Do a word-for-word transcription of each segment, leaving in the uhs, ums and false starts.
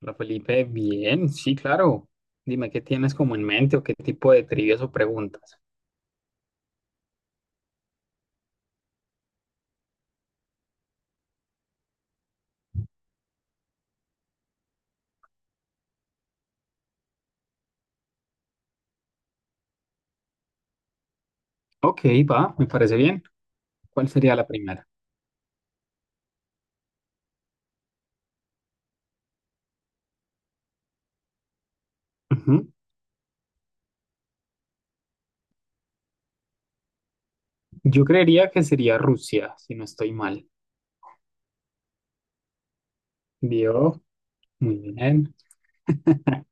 Hola Felipe, bien, sí, claro. Dime qué tienes como en mente o qué tipo de trivias o preguntas. Ok, va, me parece bien. ¿Cuál sería la primera? Ujú. Yo creería que sería Rusia, si no estoy mal. Vio, muy bien.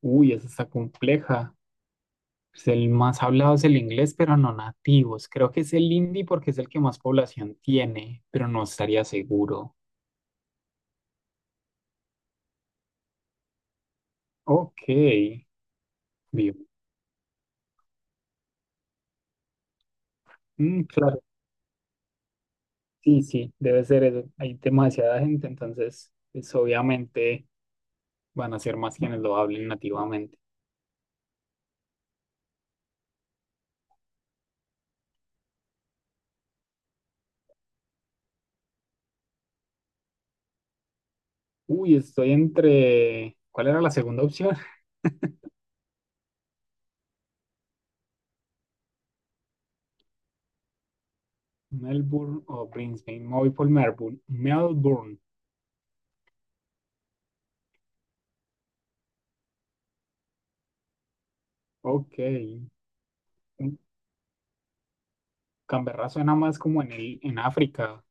Uy, esa está compleja. Pues el más hablado es el inglés, pero no nativos. Creo que es el hindi porque es el que más población tiene, pero no estaría seguro. Ok, vio. Mm, claro. Sí, sí, debe ser eso. Hay demasiada gente, entonces, pues obviamente van a ser más quienes lo hablen nativamente. Uy, estoy entre. ¿Cuál era la segunda opción? Melbourne o Brisbane. Me voy por Melbourne. Melbourne. Ok. Canberra suena más como en el, en África.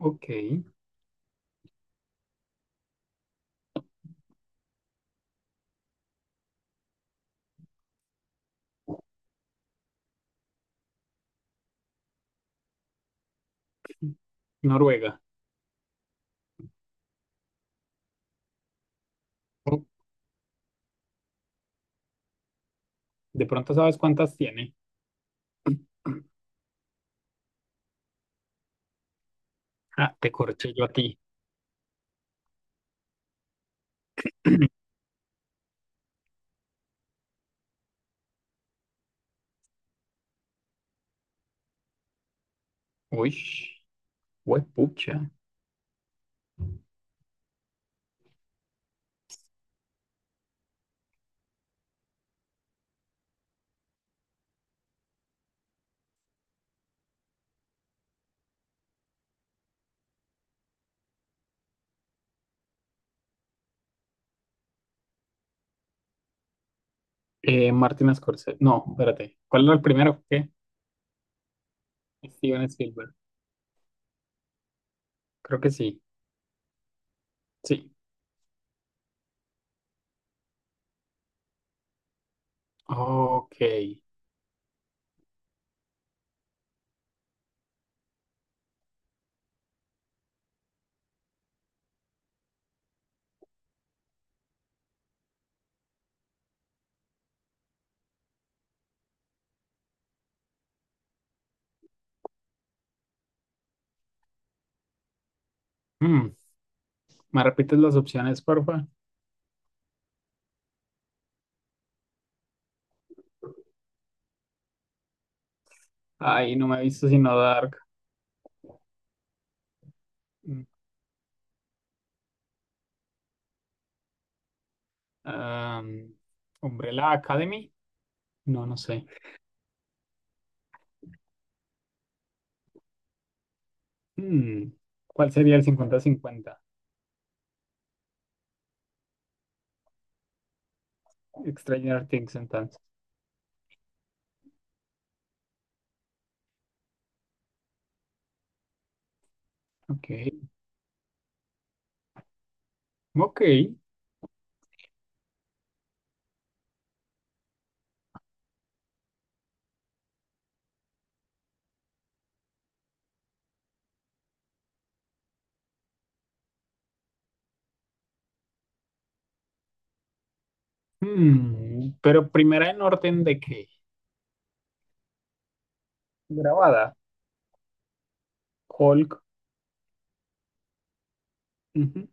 Ok. Noruega. Oh. ¿De pronto sabes cuántas tiene? Ah, te corché yo a ti. Uy, huepucha. Eh, Martin Scorsese. No, espérate. ¿Cuál era el primero? ¿Qué? Steven Spielberg. Creo que sí. Sí. Ok. Mm, ¿me repites las opciones, porfa? Ay, no me he visto sino Dark. Mm, am, Umbrella Academy. No, no sé. Mm, ¿cuál sería el cincuenta-cincuenta? Stranger Things, entonces. Ok. Ok. Mm, ¿pero primera en orden de qué? Grabada. Hulk. Ujú.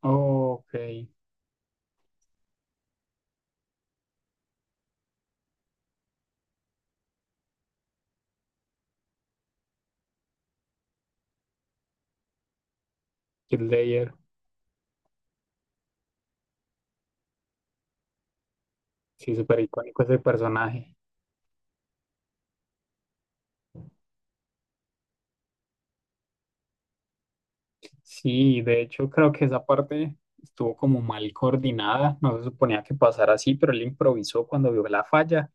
Ok. Heath Ledger. Sí, súper icónico ese personaje. Sí, de hecho creo que esa parte estuvo como mal coordinada, no se suponía que pasara así, pero él improvisó cuando vio la falla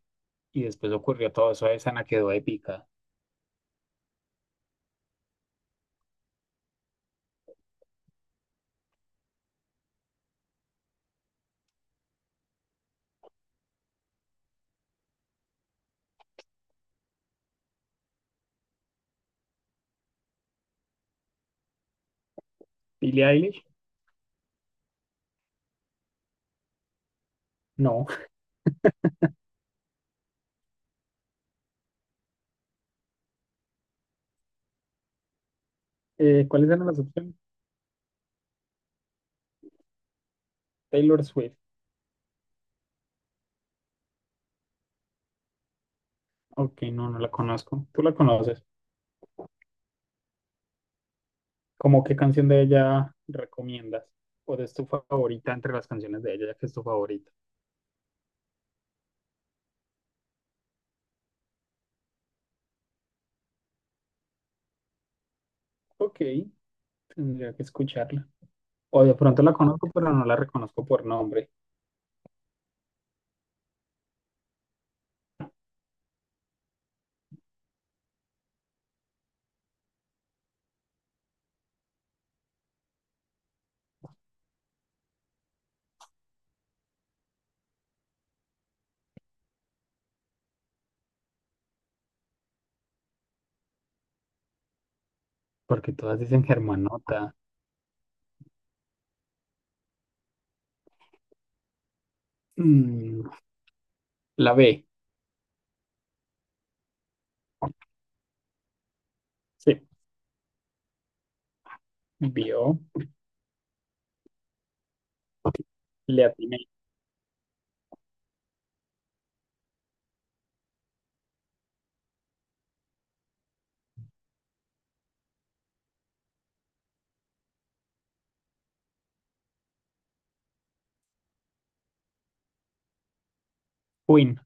y después ocurrió todo eso, esa escena quedó épica. ¿Billie Eilish? No. Eh, ¿cuáles eran las opciones? Taylor Swift. Ok, no, no la conozco. ¿Tú la conoces? ¿Cómo qué canción de ella recomiendas? ¿O es tu favorita entre las canciones de ella, ya que es tu favorita? Ok, tendría que escucharla. O de pronto la conozco, pero no la reconozco por nombre, porque todas dicen Germanota. Mm, la B. Sí. Vio. Le atiné. Queen.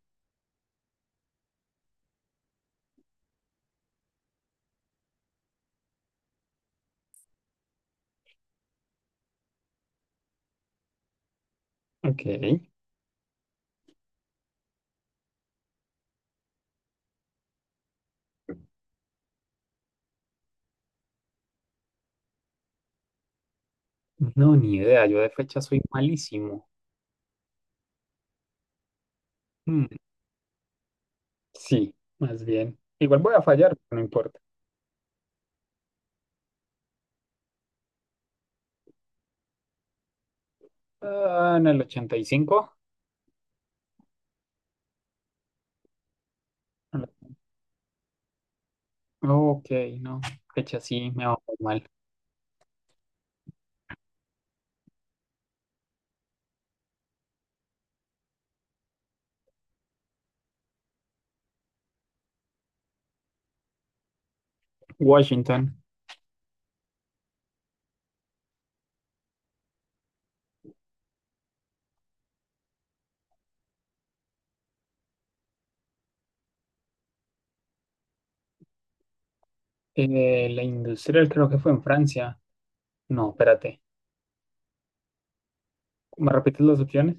Ok. No, ni idea. Yo de fecha soy malísimo. Mm, sí, más bien. Igual voy a fallar, no importa. Ah, en el ochenta y cinco. Ok, no. Fecha sí, me va muy mal. Washington. Eh, la industrial creo que fue en Francia. No, espérate. ¿Me repites las opciones?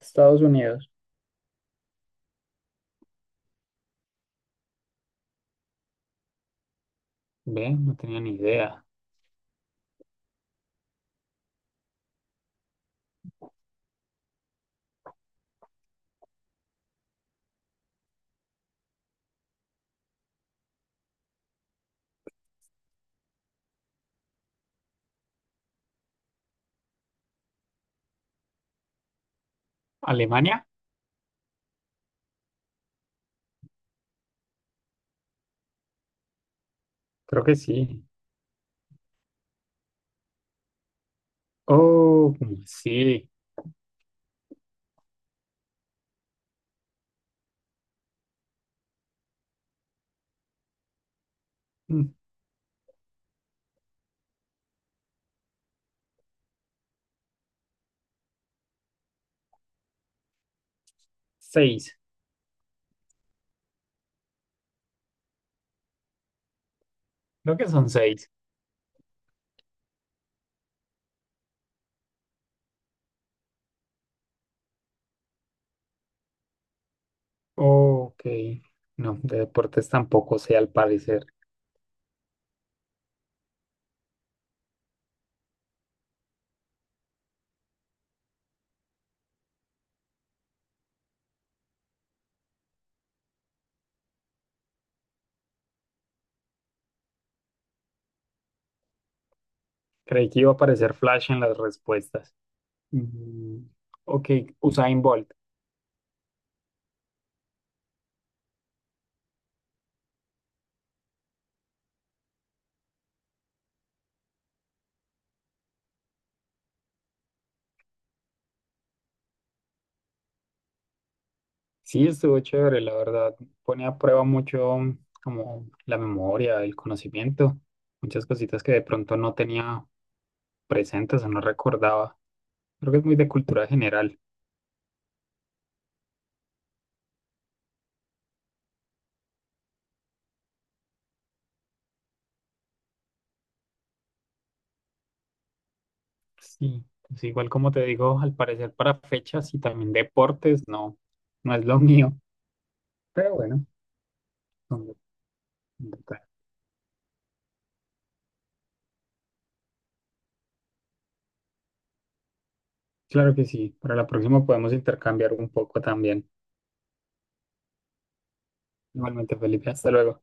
Estados Unidos. Ve, no tenía ni idea. ¿Alemania? Creo que sí. Oh, sí. Mm, seis, creo que son seis. Ok, no, de deportes tampoco sé al parecer. Creí que iba a aparecer Flash en las respuestas. Mm, ok, Usain Bolt. Sí, estuvo chévere, la verdad. Pone a prueba mucho mm, como la memoria, el conocimiento, muchas cositas que de pronto no tenía presentes o no recordaba. Creo que es muy de cultura general. Sí, pues igual como te digo, al parecer para fechas y también deportes, no, no es lo mío, pero bueno, vamos a intentar. Claro que sí, para la próxima podemos intercambiar un poco también. Igualmente, Felipe, hasta luego.